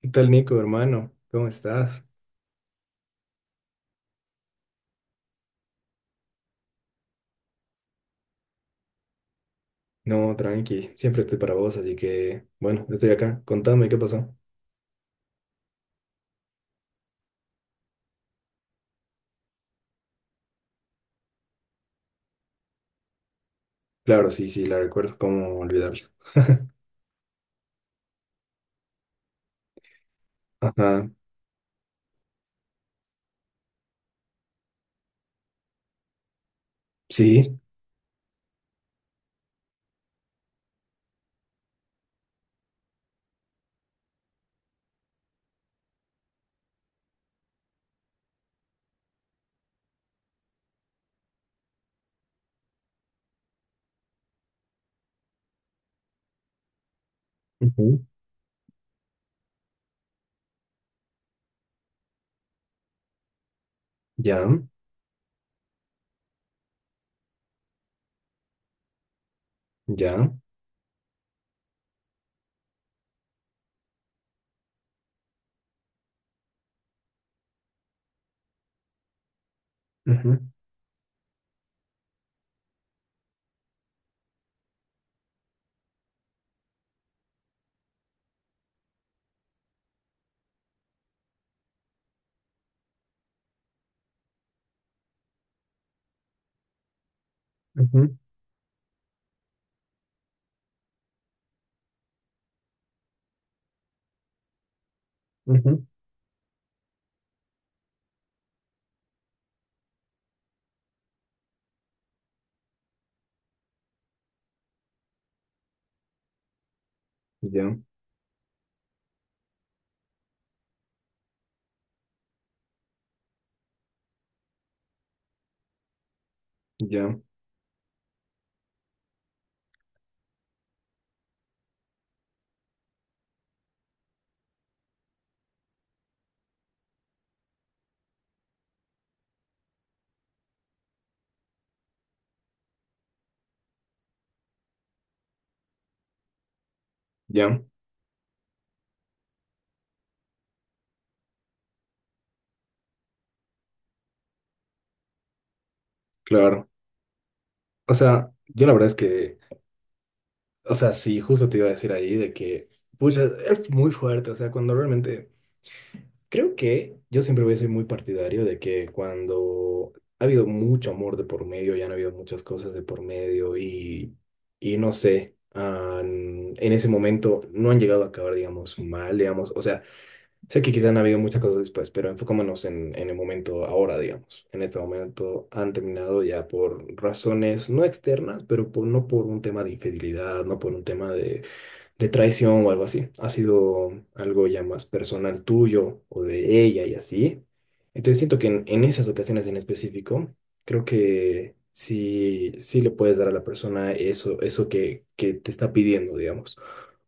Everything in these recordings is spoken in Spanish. ¿Qué tal, Nico, hermano? ¿Cómo estás? No, tranqui, siempre estoy para vos, así que, bueno, estoy acá. Contame, ¿qué pasó? Claro, sí, sí, la recuerdo, cómo olvidarla. Ajá, sí, ujú, ya, ya, ujú, ujú, ujú, ya, ya, ya, claro. O sea, yo la verdad es que, o sea, sí, justo te iba a decir ahí de que, pucha, es muy fuerte. O sea, cuando realmente creo que yo siempre voy a ser muy partidario de que cuando ha habido mucho amor de por medio, ya han habido muchas cosas de por medio y no sé, en ese momento no han llegado a acabar, digamos, mal, digamos. O sea, sé que quizás han habido muchas cosas después, pero enfocémonos en el momento ahora, digamos, en este momento han terminado ya por razones no externas, no por un tema de infidelidad, no por un tema de traición o algo así. Ha sido algo ya más personal tuyo o de ella y así. Entonces siento que en esas ocasiones en específico, creo que sí, sí le puedes dar a la persona eso, eso que te está pidiendo, digamos.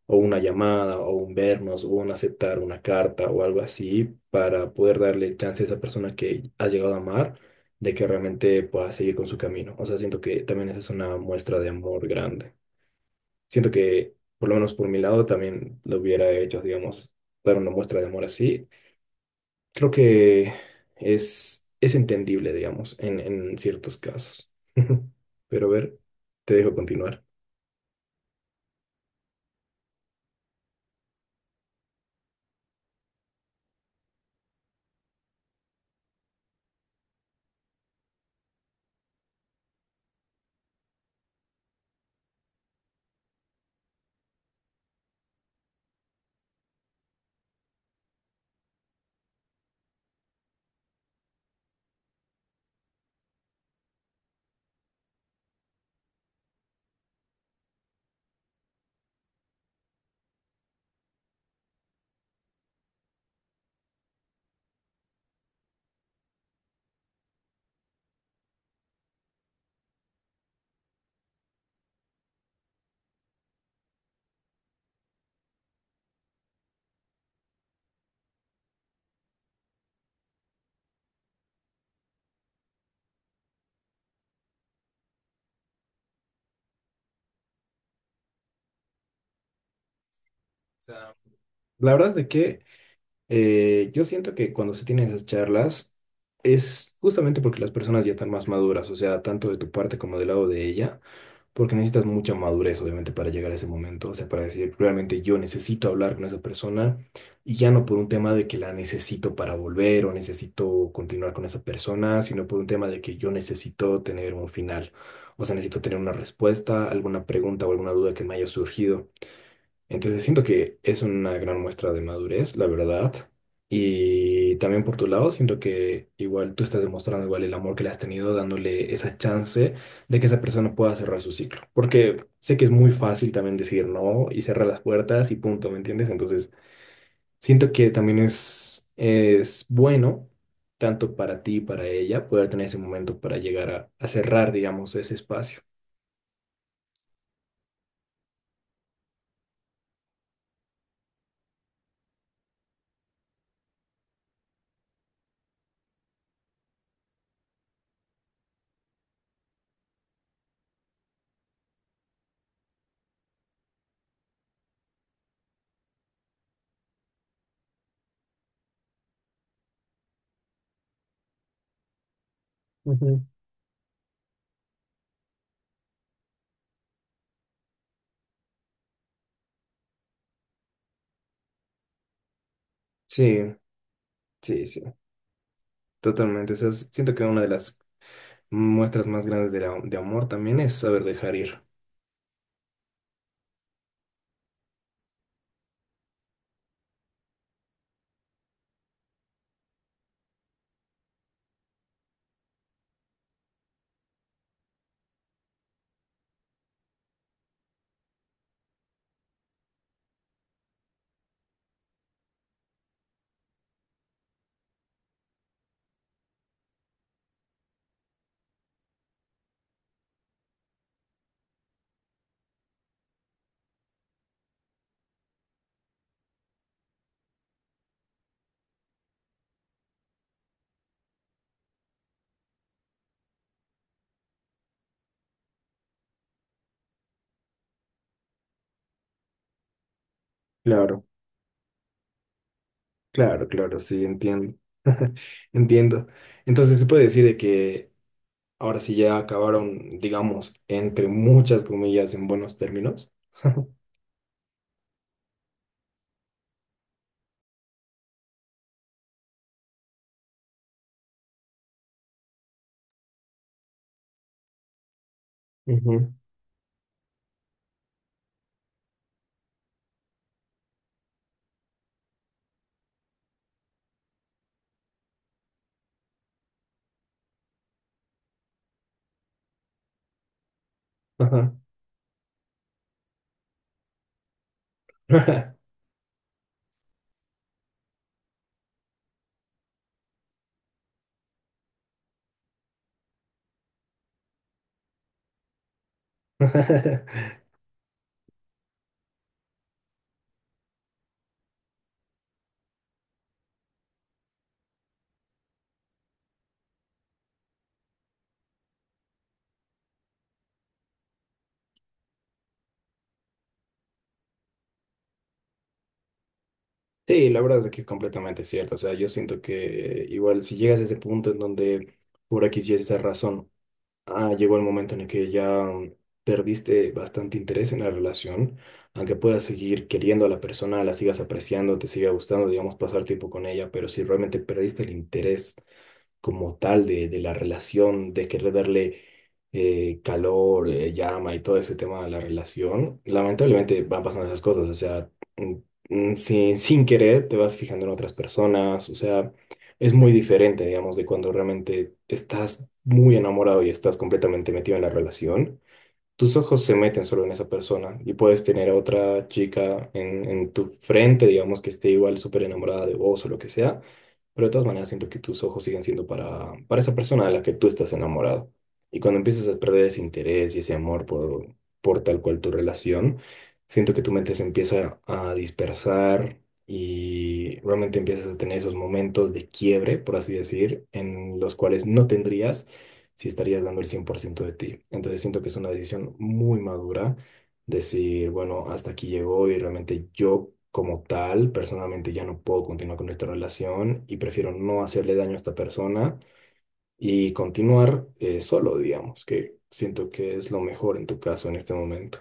O una llamada, o un vernos, o un aceptar una carta o algo así, para poder darle el chance a esa persona que has llegado a amar de que realmente pueda seguir con su camino. O sea, siento que también esa es una muestra de amor grande. Siento que, por lo menos por mi lado, también lo hubiera hecho, digamos, dar una muestra de amor así. Creo que es entendible, digamos, en ciertos casos. Pero a ver, te dejo continuar. O sea, la verdad es de que yo siento que cuando se tienen esas charlas es justamente porque las personas ya están más maduras, o sea, tanto de tu parte como del lado de ella porque necesitas mucha madurez, obviamente, para llegar a ese momento, o sea, para decir, realmente yo necesito hablar con esa persona y ya no por un tema de que la necesito para volver o necesito continuar con esa persona, sino por un tema de que yo necesito tener un final, o sea, necesito tener una respuesta, alguna pregunta o alguna duda que me haya surgido. Entonces siento que es una gran muestra de madurez, la verdad. Y también por tu lado, siento que igual tú estás demostrando igual el amor que le has tenido, dándole esa chance de que esa persona pueda cerrar su ciclo. Porque sé que es muy fácil también decir no y cerrar las puertas y punto, ¿me entiendes? Entonces siento que también es bueno, tanto para ti y para ella, poder tener ese momento para llegar a cerrar, digamos, ese espacio. Ujú. Sí, sí, sí, totalmente. O sea, siento que una de las muestras más grandes de amor también es saber dejar ir. Claro, claro, claro, sí, entiendo. Entiendo. Entonces se puede decir de que ahora sí ya acabaron, digamos, entre muchas comillas, en buenos términos. Ujú, ajá. Sí, la verdad es que es completamente cierto. O sea, yo siento que igual si llegas a ese punto en donde por aquí sí es esa razón. Ah, llegó el momento en el que ya perdiste bastante interés en la relación, aunque puedas seguir queriendo a la persona, la sigas apreciando, te siga gustando, digamos, pasar tiempo con ella, pero si realmente perdiste el interés como tal de la relación, de querer darle calor, llama y todo ese tema de la relación, lamentablemente van pasando esas cosas, o sea, mm, sin querer te vas fijando en otras personas, o sea, es muy diferente, digamos, de cuando realmente estás muy enamorado y estás completamente metido en la relación. Tus ojos se meten solo en esa persona y puedes tener a otra chica en tu frente, digamos que esté igual súper enamorada de vos o lo que sea, pero de todas maneras siento que tus ojos siguen siendo para esa persona de la que tú estás enamorado. Y cuando empiezas a perder ese interés y ese amor por tal cual tu relación, siento que tu mente se empieza a dispersar y realmente empiezas a tener esos momentos de quiebre, por así decir, en los cuales no tendrías si estarías dando el 100% de ti. Entonces siento que es una decisión muy madura decir, bueno, hasta aquí llegó y realmente yo como tal, personalmente ya no puedo continuar con esta relación y prefiero no hacerle daño a esta persona y continuar solo, digamos, que siento que es lo mejor en tu caso en este momento.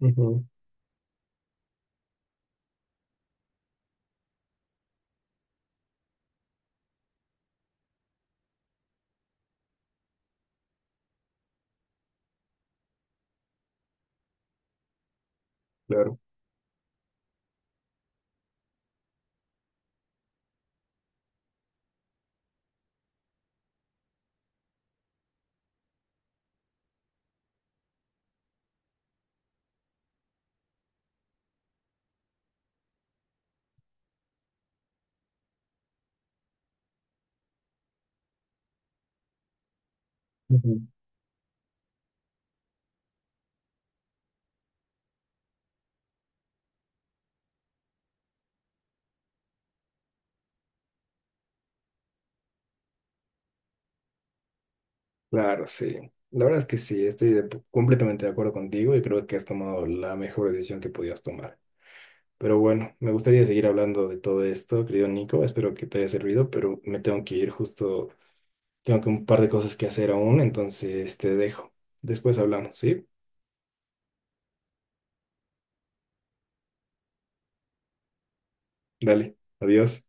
Ujú, claro. Ujú. Claro, sí. La verdad es que sí, estoy completamente de acuerdo contigo y creo que has tomado la mejor decisión que podías tomar. Pero bueno, me gustaría seguir hablando de todo esto, querido Nico. Espero que te haya servido, pero me tengo que ir justo. Tengo que un par de cosas que hacer aún, entonces te dejo. Después hablamos, ¿sí? Dale, adiós.